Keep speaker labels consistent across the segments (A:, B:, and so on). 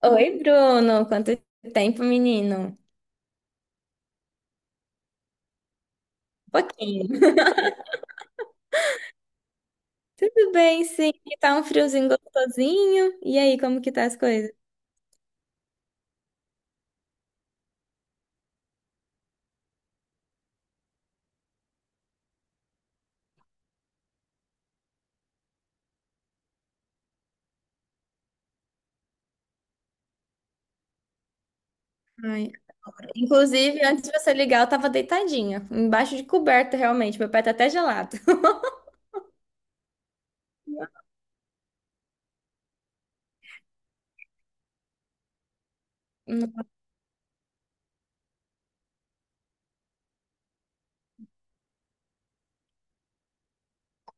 A: Oi, Bruno. Quanto tempo, menino? Um pouquinho. Tudo bem, sim. E tá um friozinho gostosinho. E aí, como que tá as coisas? Ai. Inclusive, antes de você ligar, eu tava deitadinha, embaixo de coberta, realmente. Meu pé tá até gelado. Hum.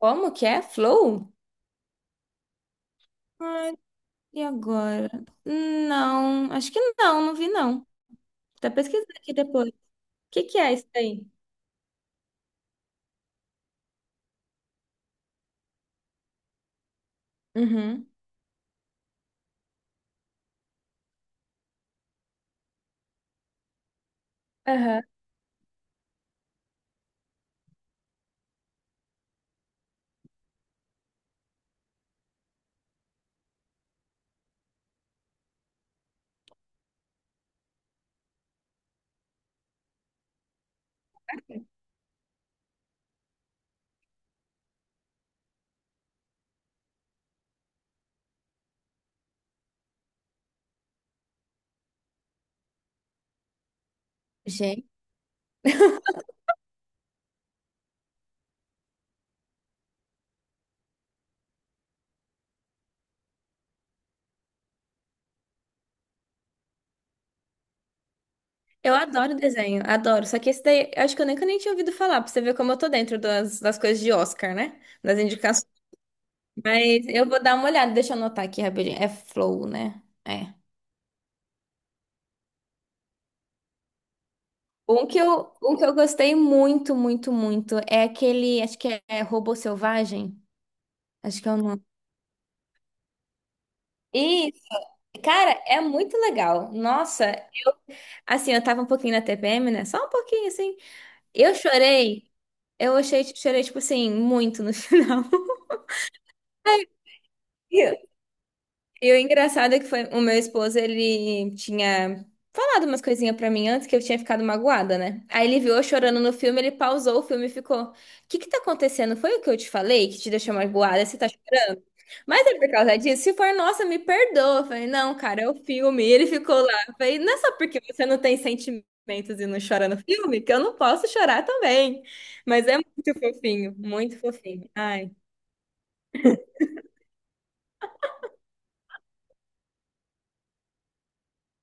A: Como que é? Flow? Ai, e agora? Não, acho que não, não vi não. Tá pesquisando aqui depois. O que que é isso aí? Uhum. Aham. Eu adoro desenho, adoro. Só que esse daí, eu acho que eu nunca nem tinha ouvido falar, pra você ver como eu tô dentro das coisas de Oscar, né? Das indicações. Mas eu vou dar uma olhada, deixa eu anotar aqui rapidinho. É Flow, né? É. Um que eu gostei muito, muito, muito é aquele, acho que é Robô Selvagem. Acho que é o nome. Isso, cara, é muito legal. Nossa, assim, eu tava um pouquinho na TPM, né? Só um pouquinho, assim. Eu chorei, eu achei, chorei, tipo assim, muito no final. E o engraçado é que foi o meu esposo, ele tinha falado umas coisinhas pra mim antes que eu tinha ficado magoada, né? Aí ele viu eu chorando no filme, ele pausou o filme e ficou: O que que tá acontecendo? Foi o que eu te falei que te deixou magoada? Você tá chorando? Mas é por causa disso. Se for, nossa, me perdoa. Eu falei: Não, cara, é o filme. E ele ficou lá. Eu falei: Não é só porque você não tem sentimentos e não chora no filme que eu não posso chorar também. Mas é muito fofinho, muito fofinho. Ai.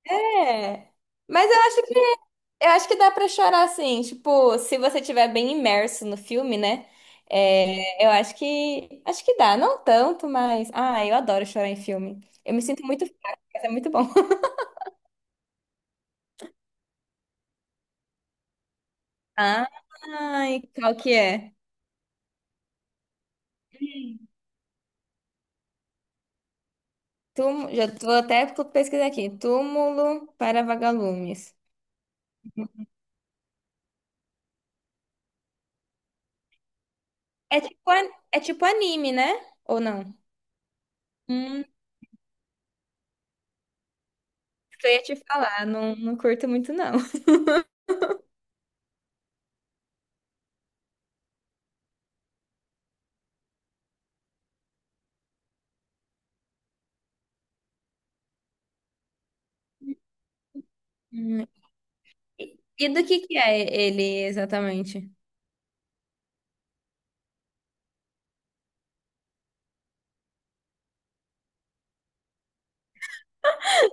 A: É. Mas eu acho que dá pra chorar, assim, tipo, se você estiver bem imerso no filme, né? É, eu acho que dá, não tanto, mas ah, eu adoro chorar em filme. Eu me sinto muito fraca, mas é muito bom. Ai, qual que é? Túmulo, já tô até pesquisar aqui. Túmulo para vagalumes. É tipo, é tipo anime, né? Ou não? Hum, isso eu ia te falar, não, não curto muito, não. Hum. E do que é ele exatamente?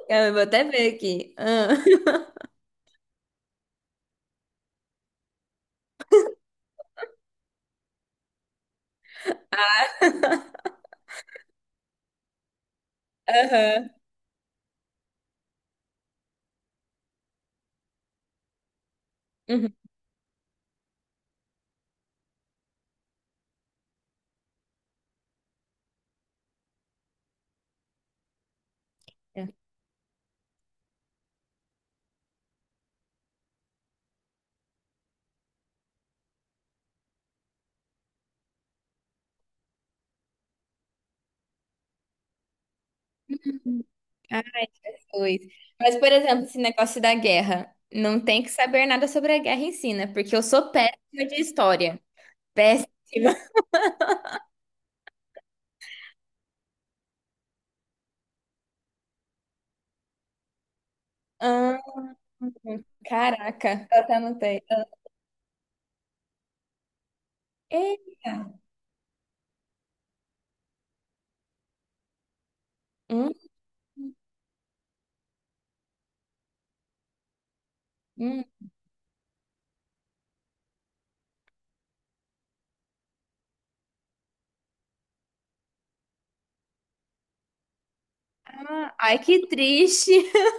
A: Eu vou até ver aqui. Ah. Aham. Uhum. Ah, pois. Mas, por exemplo, esse negócio da guerra. Não tem que saber nada sobre a guerra em si, né? Porque eu sou péssima de história. Péssima. Ah, caraca. Eu até anotei. Eita. Hum, hum. Ah, ai, que triste.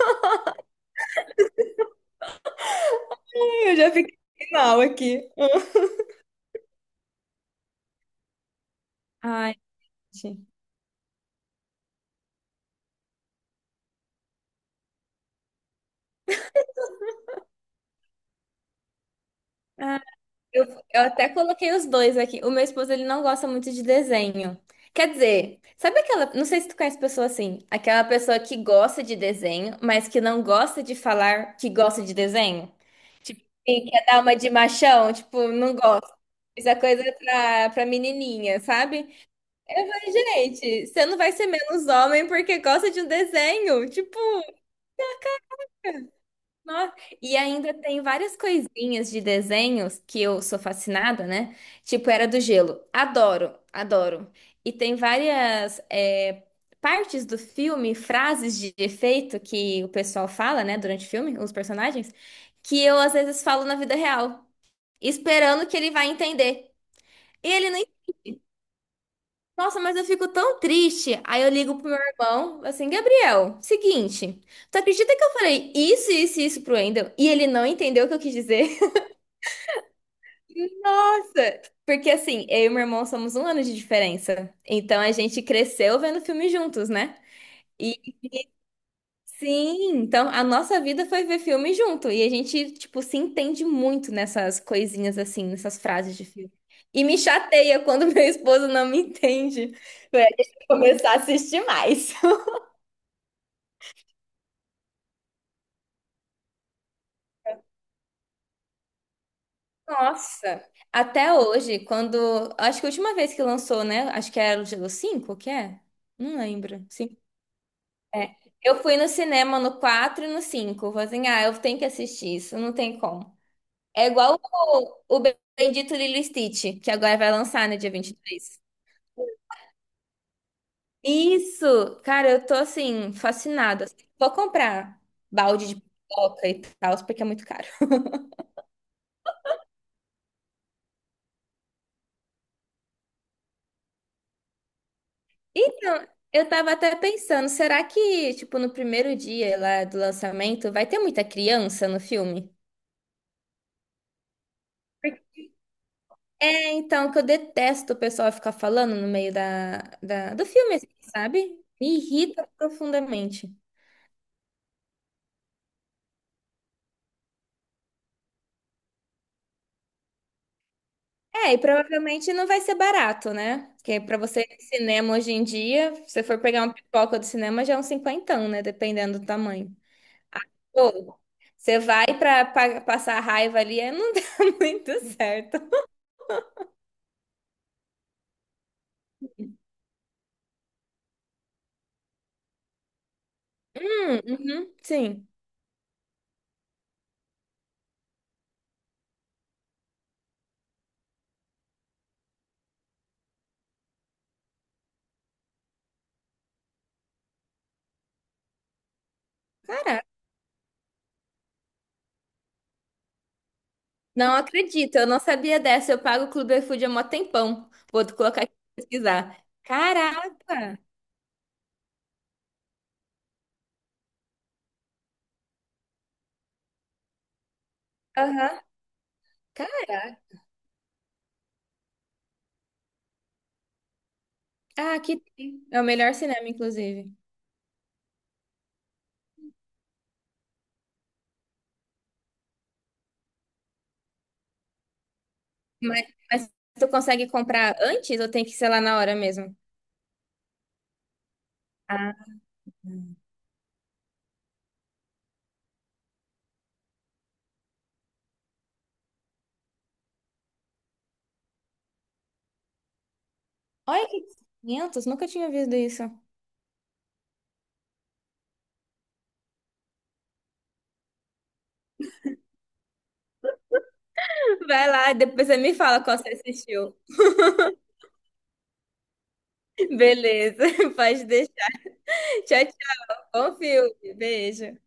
A: Ai, eu já fiquei mal aqui. Ai, gente. Eu, eu até coloquei os dois aqui. O meu esposo, ele não gosta muito de desenho. Quer dizer, sabe aquela, não sei se tu conhece pessoa assim, aquela pessoa que gosta de desenho, mas que não gosta de falar que gosta de desenho? E quer dar uma de machão, tipo, não gosta. Isso é coisa pra, pra menininha, sabe? Eu falei, gente, você não vai ser menos homem porque gosta de um desenho. Tipo, nossa, e ainda tem várias coisinhas de desenhos que eu sou fascinada, né? Tipo Era do Gelo. Adoro, adoro. E tem várias é, partes do filme, frases de efeito que o pessoal fala, né, durante o filme, os personagens, que eu às vezes falo na vida real, esperando que ele vai entender. E ele não. Nossa, mas eu fico tão triste. Aí eu ligo pro meu irmão, assim, Gabriel, seguinte, tu acredita que eu falei isso, isso e isso pro Wendel e ele não entendeu o que eu quis dizer? Porque assim, eu e meu irmão somos um ano de diferença. Então a gente cresceu vendo filme juntos, né? E sim, então a nossa vida foi ver filme junto. E a gente, tipo, se entende muito nessas coisinhas assim, nessas frases de filme. E me chateia quando meu esposo não me entende. Ué, deixa eu começar a assistir mais. Nossa, até hoje, quando. Acho que a última vez que lançou, né? Acho que era o Gelo 5 o que é? Não lembro. É, eu fui no cinema no 4 e no 5. Eu falei assim, ah, eu tenho que assistir isso, não tem como. É igual o Bendito Lilo e Stitch, que agora vai lançar no dia 23. Isso! Cara, eu tô assim, fascinada. Assim, vou comprar balde de pipoca e tal, porque é muito caro. Então, eu tava até pensando, será que, tipo, no primeiro dia lá do lançamento, vai ter muita criança no filme? É, então, que eu detesto o pessoal ficar falando no meio da, do filme, assim, sabe? Me irrita profundamente. É, e provavelmente não vai ser barato, né? Porque pra você ir no cinema hoje em dia, se você for pegar uma pipoca do cinema, já é um cinquentão, né? Dependendo do tamanho. Pô, você vai pra, passar raiva ali, aí não dá muito certo. Hum, uhum, sim. Caraca, não acredito, eu não sabia dessa. Eu pago o Clube iFood há mó tempão. Vou colocar aqui pra pesquisar. Caraca! Aham. Caraca. Ah, aqui tem. É o melhor cinema, inclusive. Mas, mas tu consegue comprar antes ou tem que ser lá na hora mesmo? Ah. Olha que 500, nunca tinha visto isso. Vai lá, depois você me fala qual você assistiu. Beleza, pode deixar. Tchau, tchau. Bom filme. Beijo.